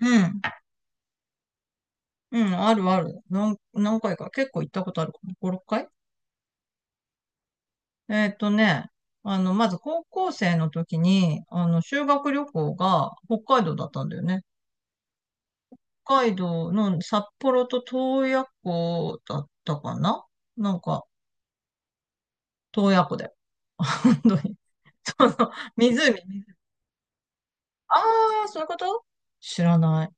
うん。うん、あるある。何回か。結構行ったことあるかな。5、6回。えーっとね、まず高校生の時に、修学旅行が北海道だったんだよね。北海道の札幌と洞爺湖だったかな。なんか、洞爺湖だよ。本当に。その、湖、湖。ああ、そういうこと。知らない。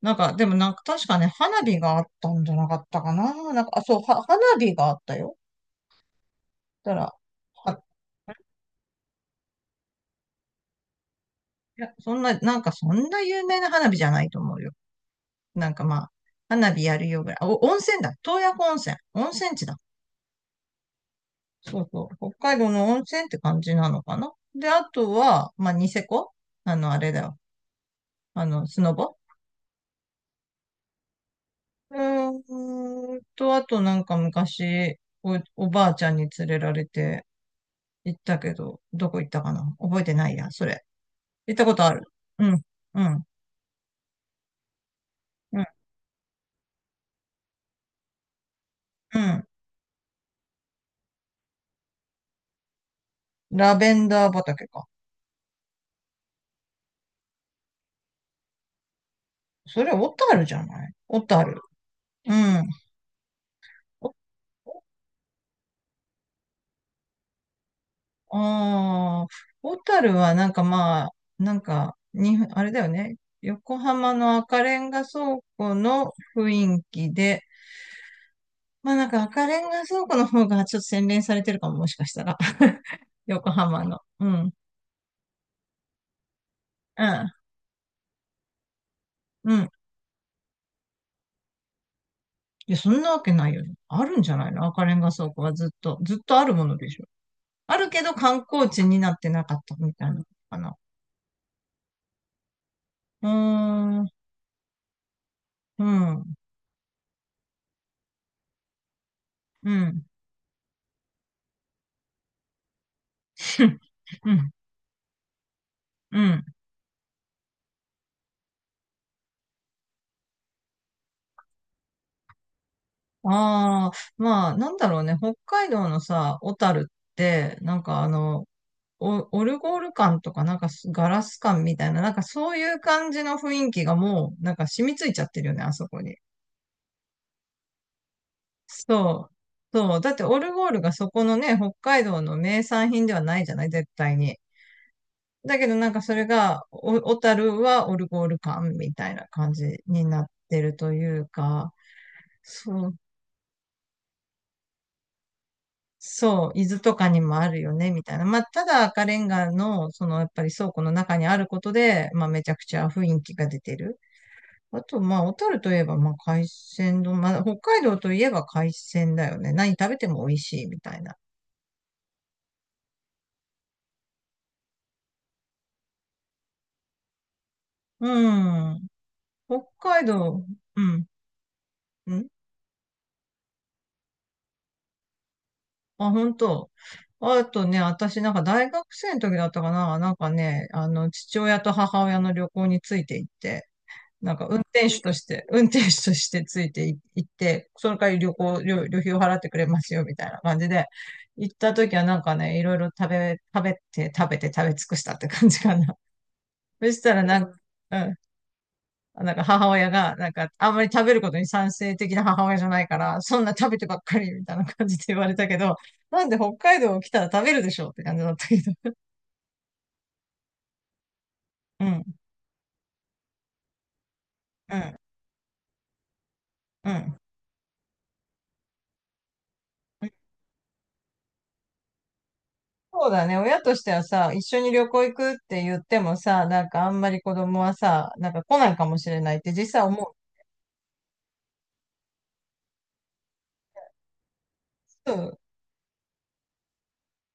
でも確かね、花火があったんじゃなかったかな。あ、そう、は花火があったよ。だから、いや、そんな有名な花火じゃないと思うよ。まあ、花火やるよぐらい。あお、温泉だ。洞爺湖温泉。温泉地だ。そうそう。北海道の温泉って感じなのかな。で、あとは、まあ、ニセコ。あれだよ。スノボ。あとなんか昔、おばあちゃんに連れられて行ったけど、どこ行ったかな、覚えてないや、それ。行ったことある。うん、うん、うん、うん。ラベンダー畑か。それ、小樽じゃない、小樽。うん。おああ、小樽はなんかまあ、あれだよね。横浜の赤レンガ倉庫の雰囲気で、まあ赤レンガ倉庫の方がちょっと洗練されてるかも、もしかしたら。横浜の。うん。うん。うん。いや、そんなわけないよね。あるんじゃないの、赤レンガ倉庫はずっと、ずっとあるものでしょ。あるけど観光地になってなかったみたいなのかな。うーん。うん。うん。うん。うん。ああ、まあ、なんだろうね、北海道のさ、小樽って、オオルゴール感とか、ガラス感みたいな、そういう感じの雰囲気がもう、染みついちゃってるよね、あそこに。そう。そう。だってオルゴールがそこのね、北海道の名産品ではないじゃない、絶対に。だけどなんかそれが、小樽はオルゴール感みたいな感じになってるというか、そう。そう、伊豆とかにもあるよね、みたいな。まあ、ただ赤レンガの、その、やっぱり倉庫の中にあることで、まあ、めちゃくちゃ雰囲気が出てる。あと、まあ、小樽といえば、まあ、海鮮丼、まあ、北海道といえば海鮮だよね。何食べても美味しい、みたいな。うん。北海道、うん。うん。あ、本当。あとね、私なんか大学生の時だったかな。なんかね、あの、父親と母親の旅行について行って、なんか運転手として、運転手としてついてい行って、その代わり、旅行、旅、旅費を払ってくれますよ、みたいな感じで、行った時はなんかね、いろいろ食べて、食べて、食べ尽くしたって感じかな。そしたらなんか、うん、なんか母親が、なんか、あんまり食べることに賛成的な母親じゃないから、そんな食べてばっかり、みたいな感じで言われたけど、なんで北海道来たら食べるでしょうって感じだったけど。うん、うん、うん。そうだね。親としてはさ、一緒に旅行行くって言ってもさ、なんかあんまり子供はさ、なんか来ないかもしれないって実際思う。うん。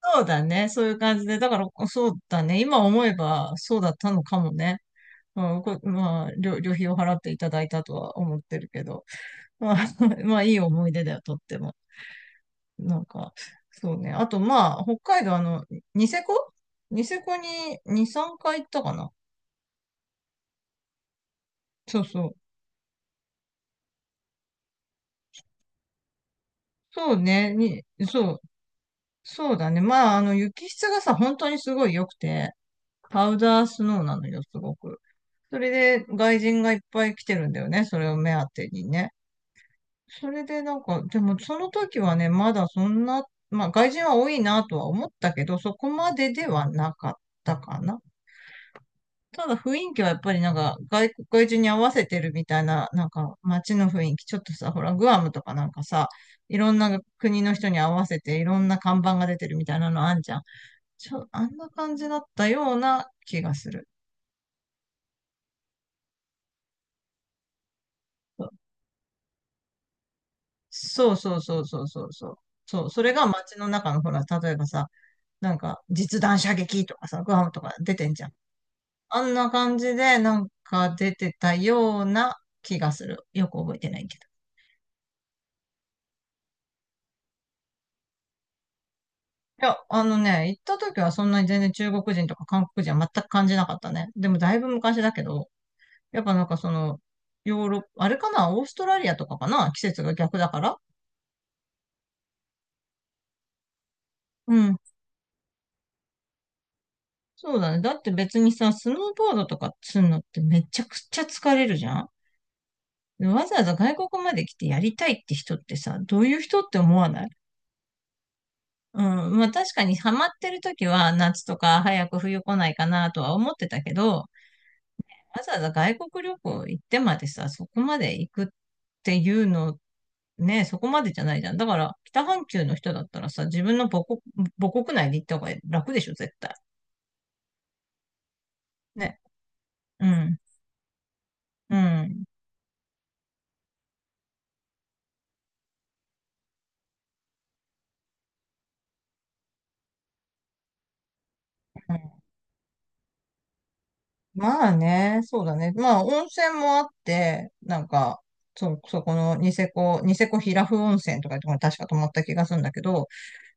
そうだね。そういう感じで。だから、そうだね。今思えば、そうだったのかもね。うん、まあ、旅費を払っていただいたとは思ってるけど。まあ、まあ、いい思い出だよ、とっても。なんか、そうね。あと、まあ、北海道、あの、ニセコ、ニセコに2、3回行ったかな。そうそう。そうね。に、そう。そうだね。まあ、あの、雪質がさ、本当にすごい良くて、パウダースノーなのよ、すごく。それで、外人がいっぱい来てるんだよね。それを目当てにね。それで、なんか、でも、その時はね、まだそんな、まあ、外人は多いなとは思ったけど、そこまでではなかったかな。ただ、雰囲気はやっぱり、なんか外国、外人に合わせてるみたいな、なんか、街の雰囲気。ちょっとさ、ほら、グアムとかなんかさ、いろんな国の人に合わせて、いろんな看板が出てるみたいなのあんじゃん。あんな感じだったような気がする。そうそうそうそうそうそう。そう、それが街の中のほら、例えばさ、なんか実弾射撃とかさ、グアムとか出てんじゃん。あんな感じでなんか出てたような気がする。よく覚えてないけど。いや、あのね、行った時はそんなに全然中国人とか韓国人は全く感じなかったね。でもだいぶ昔だけど、やっぱなんかその、ヨーロッパ、あれかな、オーストラリアとかかな、季節が逆だから。うん。そうだね。だって別にさ、スノーボードとかするのってめちゃくちゃ疲れるじゃん。でわざわざ外国まで来てやりたいって人ってさ、どういう人って思わない？うん。まあ確かにハマってる時は夏とか早く冬来ないかなとは思ってたけど、わざわざ外国旅行行ってまでさ、そこまで行くっていうの、ね、そこまでじゃないじゃん。だから北半球の人だったらさ、自分の母国、母国内で行った方が楽でしょ、絶対。ね。うん。うん。うん。まあね、そうだね。まあ、温泉もあって、なんか、そこのニセコ、ニセコ平布温泉とかいうところに確か泊まった気がするんだけど、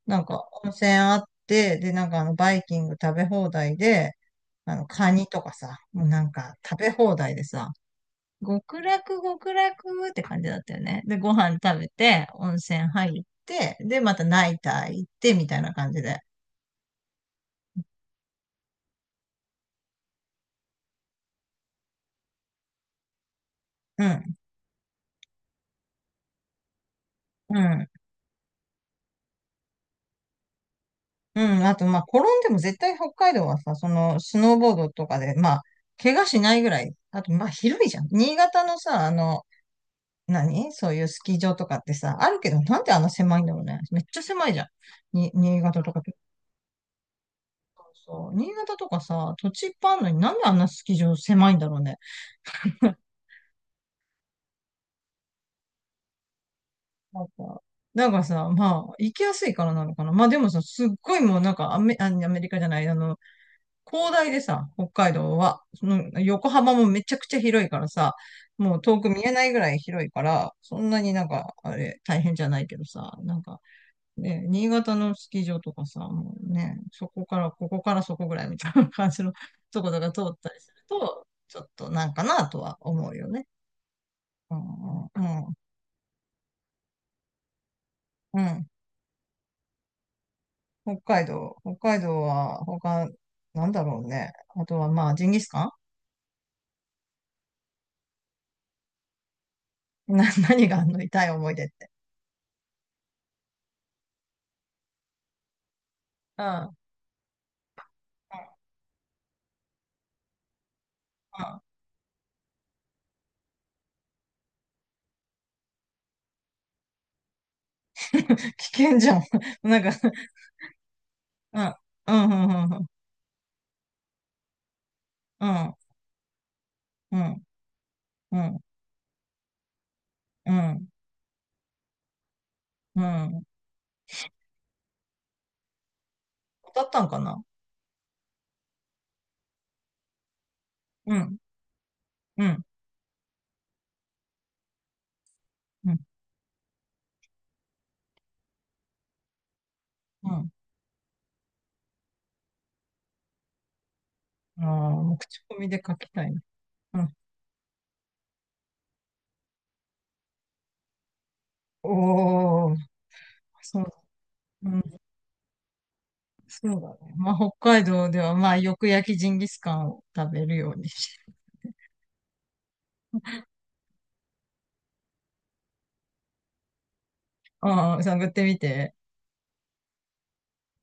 なんか温泉あって、で、なんかあの、バイキング食べ放題で、あの、カニとかさ、もうなんか食べ放題でさ、極楽極楽って感じだったよね。で、ご飯食べて、温泉入って、で、またナイター行って、みたいな感じで。うん、うん。うん、あと、まあ、転んでも絶対北海道はさ、その、スノーボードとかで、まあ、怪我しないぐらい。あと、まあ、広いじゃん。新潟のさ、あの、何そういうスキー場とかってさ、あるけど、なんであんな狭いんだろうね。めっちゃ狭いじゃん。新潟とか結構そう。新潟とかさ、土地いっぱいあるのになんであんなスキー場狭いんだろうね。なんか、なんかさ、まあ、行きやすいからなのかな。まあでもさ、すっごいもうなんかアメリカじゃない、あの、広大でさ、北海道は、その横浜もめちゃくちゃ広いからさ、もう遠く見えないぐらい広いから、そんなになんか、あれ、大変じゃないけどさ、なんか、ね、新潟のスキー場とかさ、もうね、そこから、ここからそこぐらいみたいな感じの ところが通ったりすると、ちょっとなんかなとは思うよね。うん、うん、うん。うん。北海道、北海道は他、なんだろうね。あとはまあ、ジンギスカンな、何があんの、痛い思い出って。うん。うん。 危険じゃん。なんか、うん、うん、うん、うん、うん、うん、うん、うん、うん。当たったんかな。うん、うん、うん、うん。ああ、もう口コミで書きたいな。うん。おー、そう、うん、そうだね。まあ、北海道では、まあ、よく焼きジンギスカンを食べるようにし。ああ、探ってみて。